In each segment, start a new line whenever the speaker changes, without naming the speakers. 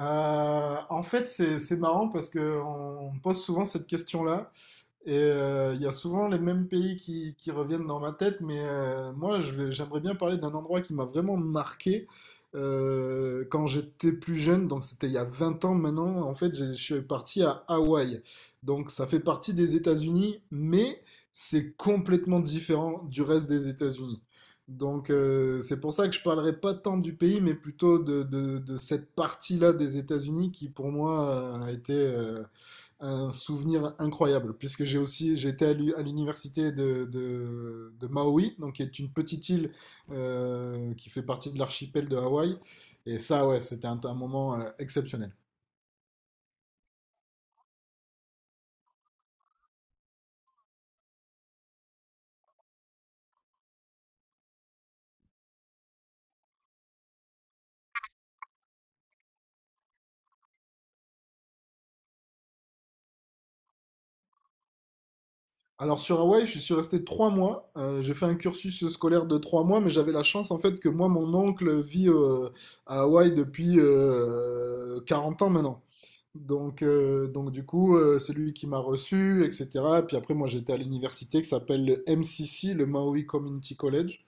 En fait, c'est marrant parce que on pose souvent cette question-là. Et il y a souvent les mêmes pays qui reviennent dans ma tête, mais j'aimerais bien parler d'un endroit qui m'a vraiment marqué quand j'étais plus jeune, donc c'était il y a 20 ans maintenant. En fait, je suis parti à Hawaï. Donc ça fait partie des États-Unis, mais c'est complètement différent du reste des États-Unis. Donc c'est pour ça que je parlerai pas tant du pays, mais plutôt de cette partie-là des États-Unis qui pour moi a été un souvenir incroyable, puisque j'étais à à l'université de Maui, donc qui est une petite île qui fait partie de l'archipel de Hawaï. Et ça, ouais, c'était un moment exceptionnel. Alors sur Hawaï, je suis resté 3 mois. J'ai fait un cursus scolaire de 3 mois, mais j'avais la chance en fait que moi, mon oncle vit à Hawaï depuis 40 ans maintenant. Donc du coup, c'est lui qui m'a reçu, etc. Puis après, moi, j'étais à l'université qui s'appelle le MCC, le Maui Community College.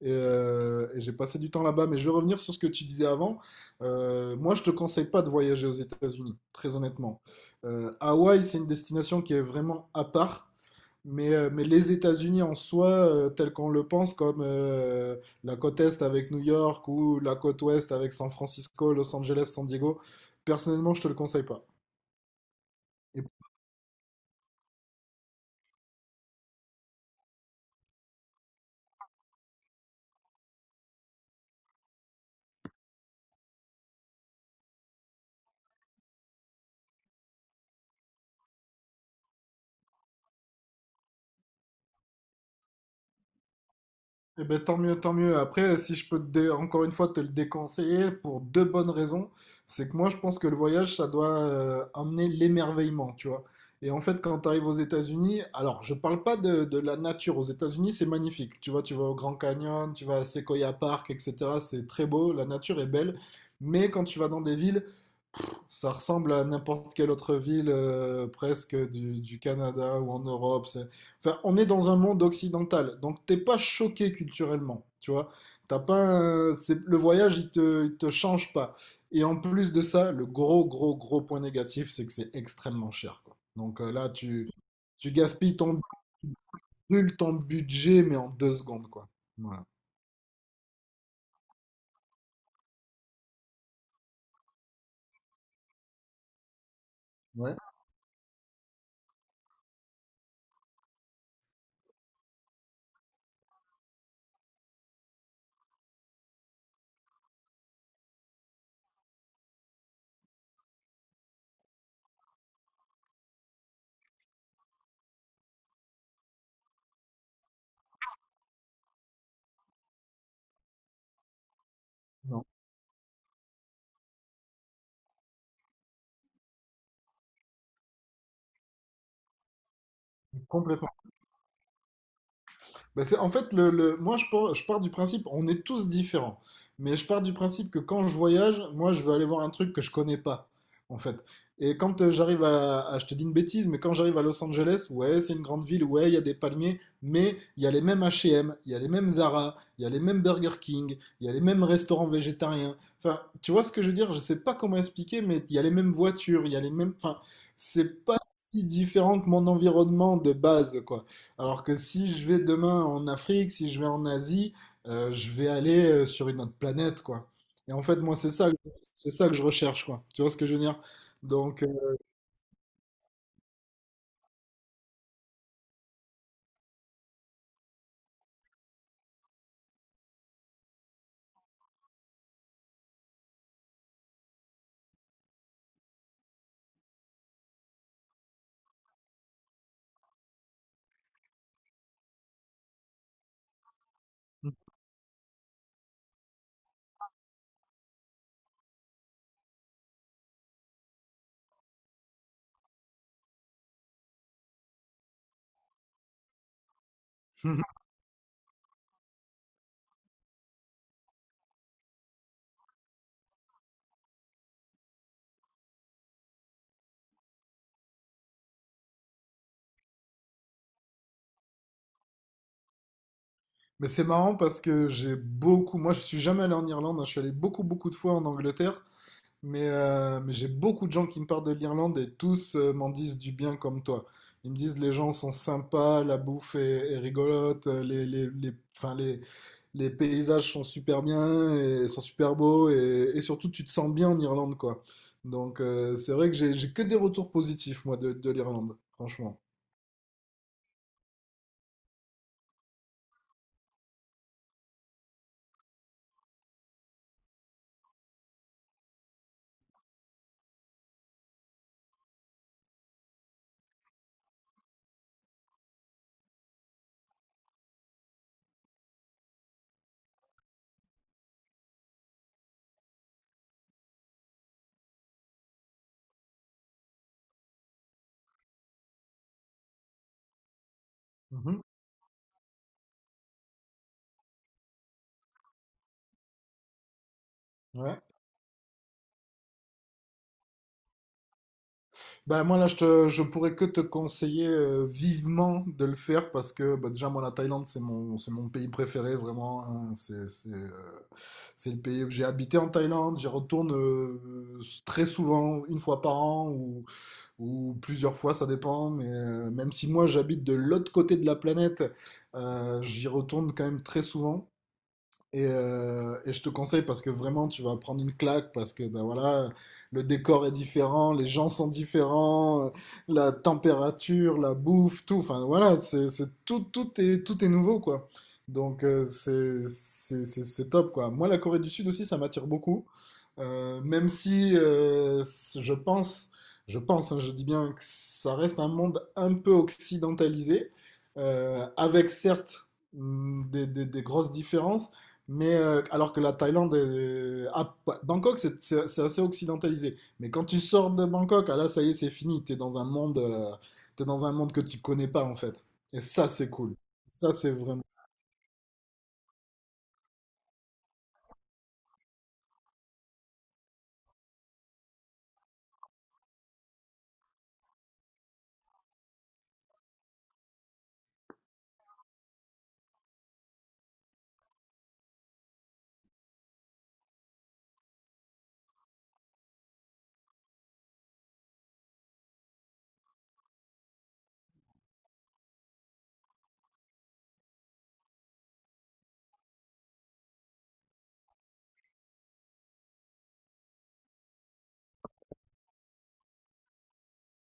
Et j'ai passé du temps là-bas. Mais je vais revenir sur ce que tu disais avant. Moi, je te conseille pas de voyager aux États-Unis, très honnêtement. Hawaï, c'est une destination qui est vraiment à part. Mais les États-Unis en soi, tel qu'on le pense, comme la côte Est avec New York ou la côte Ouest avec San Francisco, Los Angeles, San Diego, personnellement, je te le conseille pas. Eh ben, tant mieux, tant mieux. Après, si je peux encore une fois te le déconseiller pour deux bonnes raisons, c'est que moi je pense que le voyage ça doit amener l'émerveillement, tu vois. Et en fait, quand tu arrives aux États-Unis, alors je parle pas de la nature. Aux États-Unis, c'est magnifique. Tu vois, tu vas au Grand Canyon, tu vas à Sequoia Park, etc. C'est très beau, la nature est belle. Mais quand tu vas dans des villes ça ressemble à n'importe quelle autre ville presque du Canada ou en Europe. Enfin, on est dans un monde occidental, donc t'es pas choqué culturellement, tu vois. T'as pas un- c'est- Le voyage, il te change pas. Et en plus de ça, le gros, gros, gros point négatif, c'est que c'est extrêmement cher, quoi. Donc là, tu gaspilles ton, brûles ton budget, mais en 2 secondes, quoi. Voilà. Ouais, non, complètement. Bah, c'est, en fait, moi, je pars du principe, on est tous différents. Mais je pars du principe que quand je voyage, moi, je veux aller voir un truc que je connais pas, en fait. Et quand je te dis une bêtise, mais quand j'arrive à Los Angeles, ouais, c'est une grande ville, ouais, il y a des palmiers, mais il y a les mêmes H&M, il y a les mêmes Zara, il y a les mêmes Burger King, il y a les mêmes restaurants végétariens. Enfin, tu vois ce que je veux dire? Je sais pas comment expliquer, mais il y a les mêmes voitures, il y a les mêmes, enfin, c'est pas si différent que mon environnement de base, quoi. Alors que si je vais demain en Afrique, si je vais en Asie, je vais aller sur une autre planète, quoi. Et en fait, moi, c'est ça que je recherche, quoi. Tu vois ce que je veux dire? Donc, euh, mais c'est marrant parce que moi, je suis jamais allé en Irlande, hein. Je suis allé beaucoup, beaucoup de fois en Angleterre Mais j'ai beaucoup de gens qui me parlent de l'Irlande et tous m'en disent du bien comme toi. Ils me disent les gens sont sympas, la bouffe est rigolote, les paysages sont super bien et sont super beaux et surtout tu te sens bien en Irlande quoi. Donc c'est vrai que j'ai que des retours positifs moi de l'Irlande, franchement. Mhm. Ben moi là je pourrais que te conseiller vivement de le faire parce que bah, déjà moi la Thaïlande c'est mon pays préféré vraiment hein. C'est le pays j'ai habité en Thaïlande j'y retourne très souvent une fois par an ou plusieurs fois ça dépend mais même si moi j'habite de l'autre côté de la planète j'y retourne quand même très souvent et je te conseille parce que vraiment tu vas prendre une claque parce que ben voilà le décor est différent, les gens sont différents, la température, la bouffe, tout. Enfin voilà, tout est nouveau quoi. Donc c'est top quoi. Moi la Corée du Sud aussi ça m'attire beaucoup. Même si je pense hein, je dis bien que ça reste un monde un peu occidentalisé avec certes des grosses différences. Alors que la Thaïlande, Bangkok, c'est assez occidentalisé. Mais quand tu sors de Bangkok, ah là, ça y est, c'est fini. T'es dans un monde que tu connais pas en fait. Et ça, c'est cool. Ça, c'est vraiment.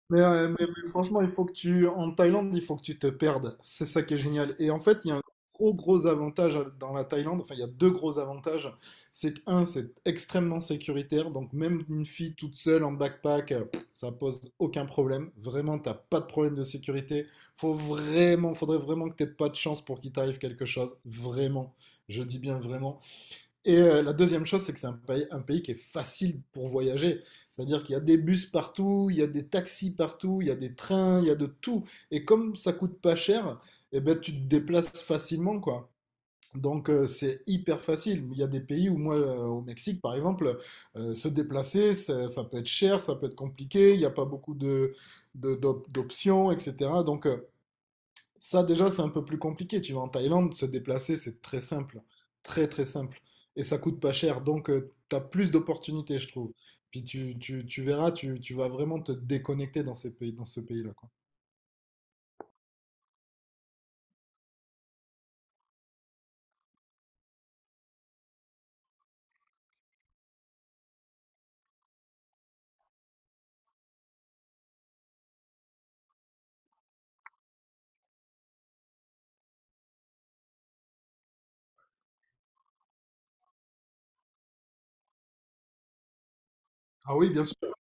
Mais franchement, il faut que tu, en Thaïlande, il faut que tu te perdes. C'est ça qui est génial. Et en fait, il y a un gros, gros avantage dans la Thaïlande. Enfin, il y a deux gros avantages. C'est que, un, c'est extrêmement sécuritaire. Donc, même une fille toute seule en backpack, pff, ça pose aucun problème. Vraiment, t'as pas de problème de sécurité. Faut vraiment, faudrait vraiment que t'aies pas de chance pour qu'il t'arrive quelque chose. Vraiment. Je dis bien vraiment. Et la deuxième chose, c'est que c'est un pays qui est facile pour voyager. C'est-à-dire qu'il y a des bus partout, il y a des taxis partout, il y a des trains, il y a de tout. Et comme ça coûte pas cher, eh ben, tu te déplaces facilement, quoi. Donc c'est hyper facile. Il y a des pays où moi, au Mexique par exemple, se déplacer, ça peut être cher, ça peut être compliqué, il n'y a pas beaucoup d'options, etc. Donc ça, déjà, c'est un peu plus compliqué. Tu vas en Thaïlande, se déplacer, c'est très simple. Très, très simple. Et ça coûte pas cher. Donc, tu as plus d'opportunités, je trouve. Puis tu verras, tu vas vraiment te déconnecter dans ces pays, dans ce pays-là, quoi. Ah oui, bien sûr.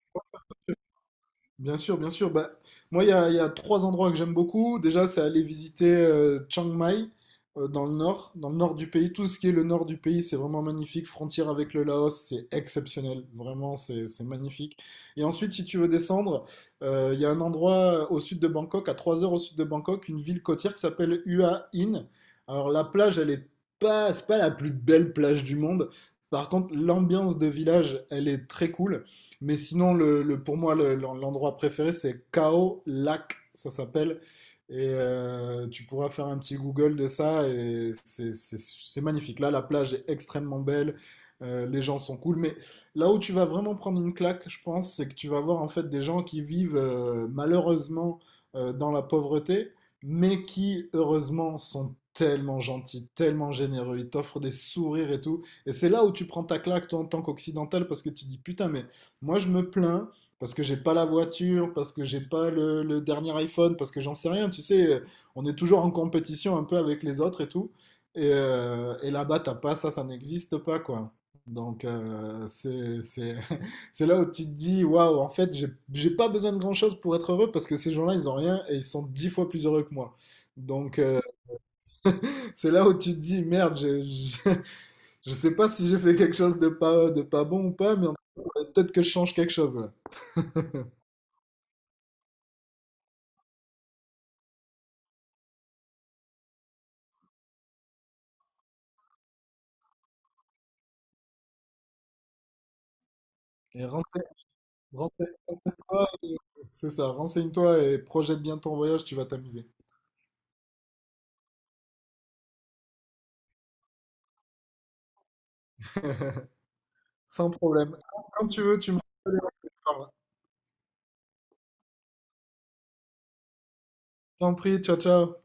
Bien sûr, bien sûr. Bah, moi, il y a trois endroits que j'aime beaucoup. Déjà, c'est aller visiter Chiang Mai dans le nord du pays. Tout ce qui est le nord du pays, c'est vraiment magnifique. Frontière avec le Laos, c'est exceptionnel. Vraiment, c'est magnifique. Et ensuite, si tu veux descendre, il y a un endroit au sud de Bangkok, à 3 heures au sud de Bangkok, une ville côtière qui s'appelle Hua Hin. Alors, la plage, elle est pas, c'est pas la plus belle plage du monde. Par contre, l'ambiance de village, elle est très cool. Mais sinon, pour moi, l'endroit préféré, c'est Kao Lac, ça s'appelle. Et tu pourras faire un petit Google de ça et c'est magnifique. Là, la plage est extrêmement belle, les gens sont cool. Mais là où tu vas vraiment prendre une claque, je pense, c'est que tu vas voir en fait des gens qui vivent malheureusement dans la pauvreté, mais qui heureusement sont tellement gentils, tellement généreux. Ils t'offrent des sourires et tout. Et c'est là où tu prends ta claque, toi, en tant qu'occidental, parce que tu dis putain, mais moi, je me plains parce que j'ai pas la voiture, parce que j'ai pas le dernier iPhone, parce que j'en sais rien. Tu sais, on est toujours en compétition un peu avec les autres et tout. Et là-bas, t'as pas ça, ça n'existe pas, quoi. Donc, c'est là où tu te dis, waouh, en fait, j'ai pas besoin de grand-chose pour être heureux parce que ces gens-là, ils ont rien et ils sont 10 fois plus heureux que moi. Donc, c'est là où tu te dis, merde, sais pas si j'ai fait quelque chose de pas bon ou pas, mais en tout cas, faudrait peut-être que je change quelque chose. Ouais. Et renseigne-toi, c'est ça, renseigne-toi et projette bien ton voyage, tu vas t'amuser. Sans problème. Quand tu veux, tu me rappelles et on en parle. T'en prie, ciao, ciao.